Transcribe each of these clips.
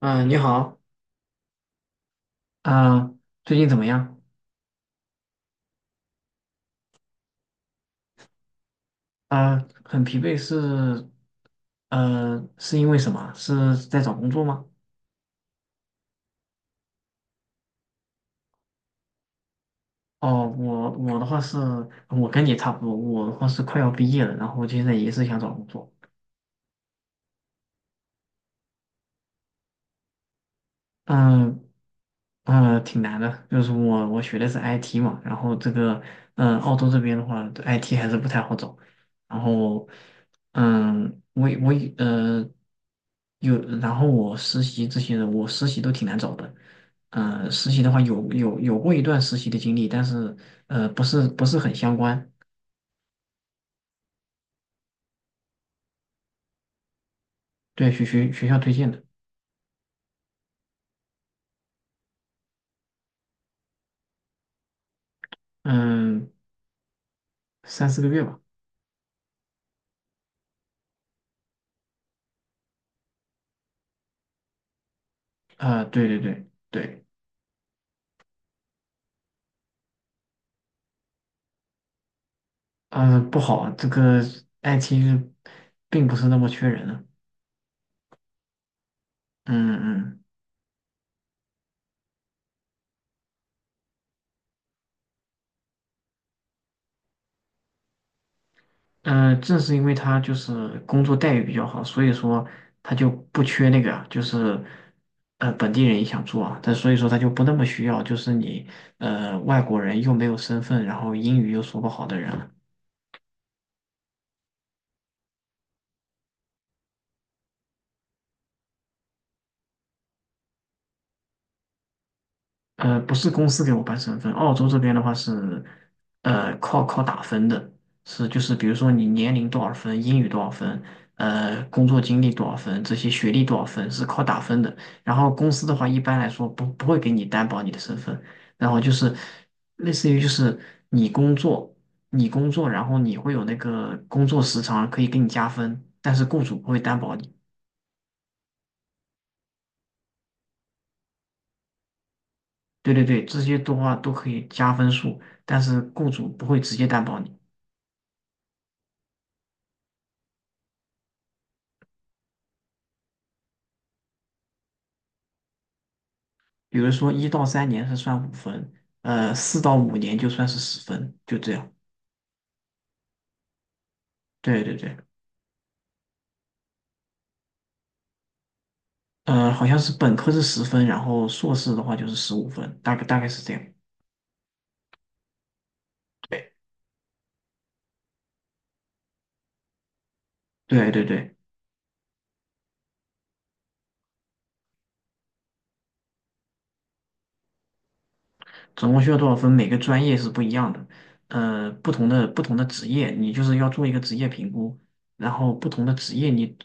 嗯，你好。啊、最近怎么样？很疲惫是。呃，是因为什么？是在找工作吗？哦，我的话是，我跟你差不多。我的话是快要毕业了，然后现在也是想找工作。嗯、嗯，挺难的。就是我学的是 IT 嘛，然后这个，澳洲这边的话，IT 还是不太好找。然后，嗯，我呃有，然后我实习这些的，我实习都挺难找的。实习的话有过一段实习的经历，但是不是很相关。对，学校推荐的。嗯，3、4个月吧。啊、对对对对，嗯、不好。这个 IT 并不是那么缺人啊。嗯嗯，呃，正是因为他就是工作待遇比较好，所以说他就不缺那个啊。就是本地人也想做啊，但所以说他就不那么需要。就是你外国人又没有身份，然后英语又说不好的人。呃，不是公司给我办身份。澳洲这边的话是，呃，靠打分的。是就是比如说你年龄多少分，英语多少分，呃，工作经历多少分，这些学历多少分是靠打分的。然后公司的话，一般来说不会给你担保你的身份，然后就是类似于，就是你工作，你工作，然后你会有那个工作时长可以给你加分，但是雇主不会担保你。对对对这些的话都可以加分数，但是雇主不会直接担保你。比如说1到3年是算五分，呃，4到5年就算是十分，就这样。对对对，呃，好像是本科是十分，然后硕士的话就是15分，大概大概是这样。对对，总共需要多少分？每个专业是不一样的。呃，不同的职业，你就是要做一个职业评估，然后不同的职业你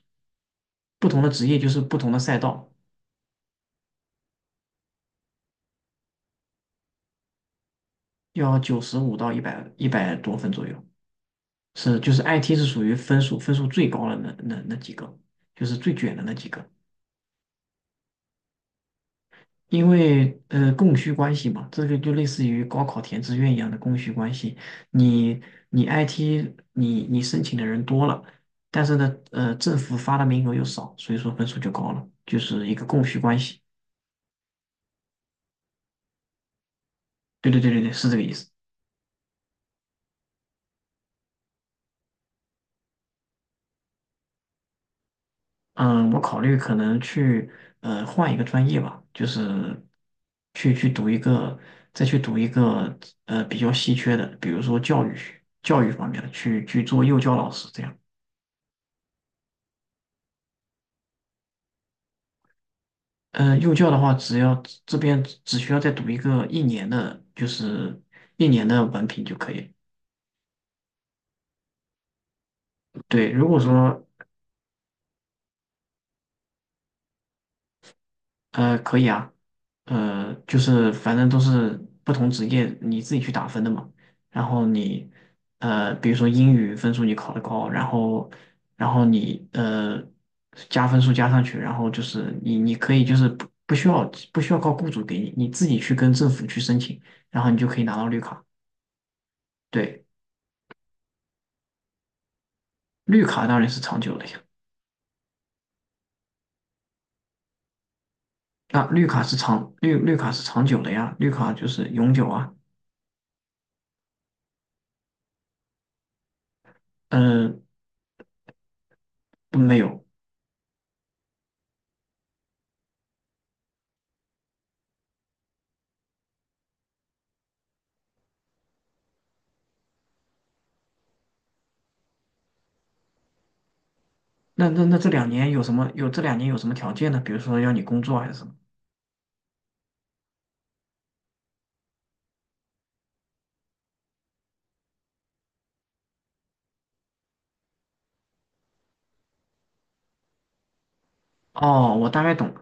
不同的职业就是不同的赛道。要95到100、100多分左右，是就是 IT 是属于分数最高的那几个。就是最卷的那几个。因为供需关系嘛，这个就类似于高考填志愿一样的供需关系。你你 IT 你申请的人多了，但是呢，呃，政府发的名额又少，所以说分数就高了，就是一个供需关系。对对对对对是这个意思。嗯，我考虑可能去呃换一个专业吧。就是去读一个，再去读一个比较稀缺的，比如说教育学、教育方面的，去做幼教老师这样。呃，幼教的话，只要这边只需要再读一个一年的，就是1年的文凭就可以。对，如果说可以啊。呃，就是反正都是不同职业你自己去打分的嘛。然后你，呃，比如说英语分数你考得高，然后然后你加分数加上去，然后就是你你可以，就是不需要靠雇主给你，你自己去跟政府去申请，然后你就可以拿到绿卡。对。绿卡当然是长久的。那绿卡是长绿卡是长久的呀，绿卡就是永久啊。嗯、不没有。那那这两年有什么？有这两年有什么条件呢？比如说要你工作还是什么？哦，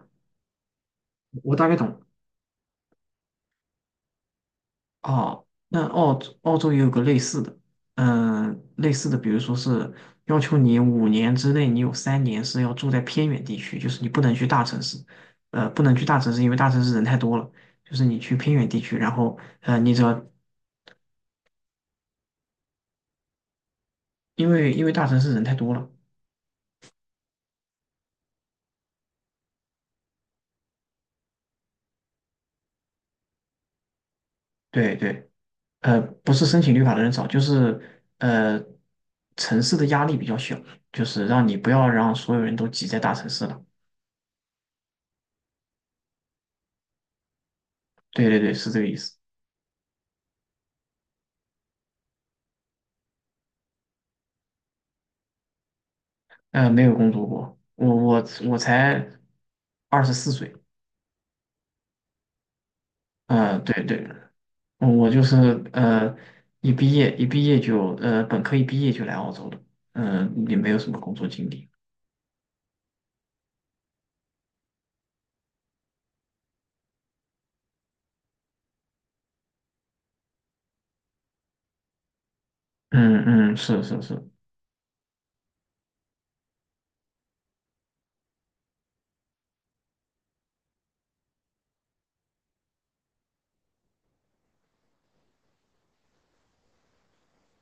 我大概懂。哦，那澳洲也有个类似的。类似的，比如说是要求你5年之内，你有三年是要住在偏远地区，就是你不能去大城市。呃，不能去大城市，因为大城市人太多了。就是你去偏远地区，然后，你只要因为大城市人太多了。对，呃，不是申请绿卡的人少，就是呃，城市的压力比较小，就是让你不要让所有人都挤在大城市了。对对对是这个意思。呃，没有工作过，我我我才24岁。嗯，对，我就是一毕业就，本科一毕业就来澳洲了。也没有什么工作经历。嗯，是。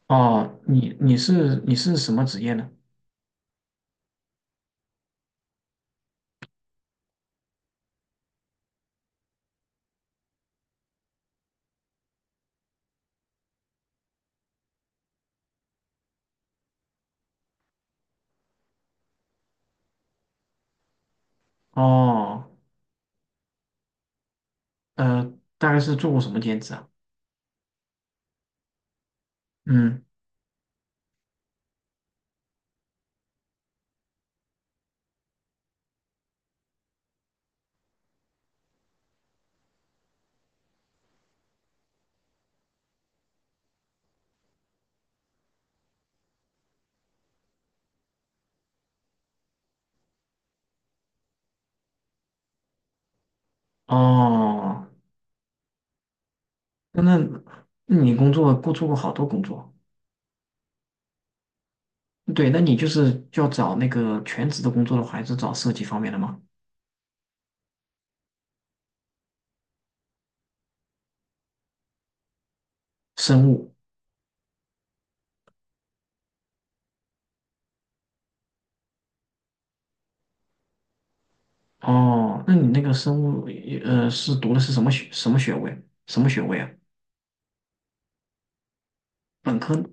哦，你是你是什么职业呢？哦。呃，大概是做过什么兼职啊？嗯。哦，那那你工作过做过好多工作。对，那你就是要找那个全职的工作的话，还是找设计方面的吗？生物，哦，那你那个生物，呃，是读的是什么学什么学位？什么学位啊？本科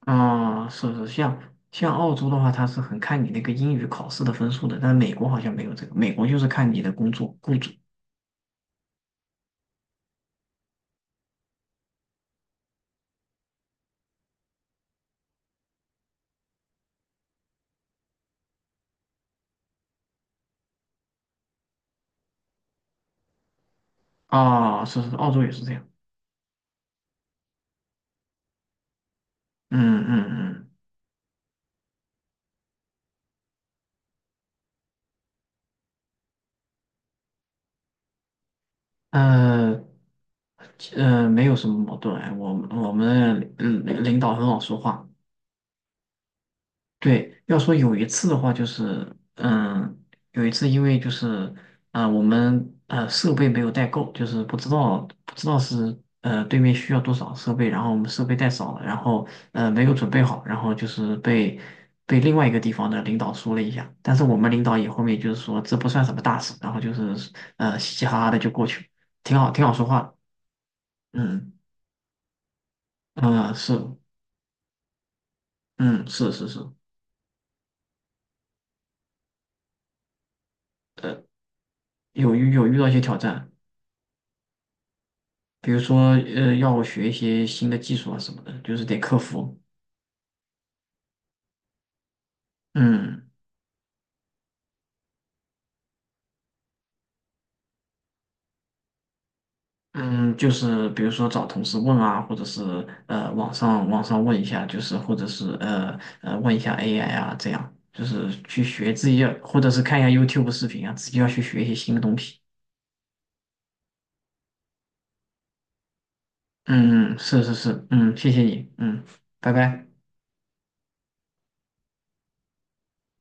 啊，是，像澳洲的话，它是很看你那个英语考试的分数的，但美国好像没有这个，美国就是看你的工作雇主啊。是，澳洲也是这样。嗯。呃，没有什么矛盾。哎，我们领导很好说话。对，要说有一次的话，就是嗯，有一次因为就是我们设备没有带够。就是不知道是对面需要多少设备，然后我们设备带少了，然后没有准备好。然后就是被被另外一个地方的领导说了一下，但是我们领导也后面就是说这不算什么大事，然后就是嘻嘻哈哈的就过去。挺好说话的。嗯。啊，是。嗯，是，有遇到一些挑战。比如说，要学一些新的技术啊什么的，就是得克服。嗯嗯，就是比如说找同事问啊，或者是网上问一下。就是或者是问一下 AI 啊，这样就是去学自己要，或者是看一下 YouTube 视频啊，自己要去学一些新的东西。嗯，是，嗯，谢谢你。嗯，拜拜。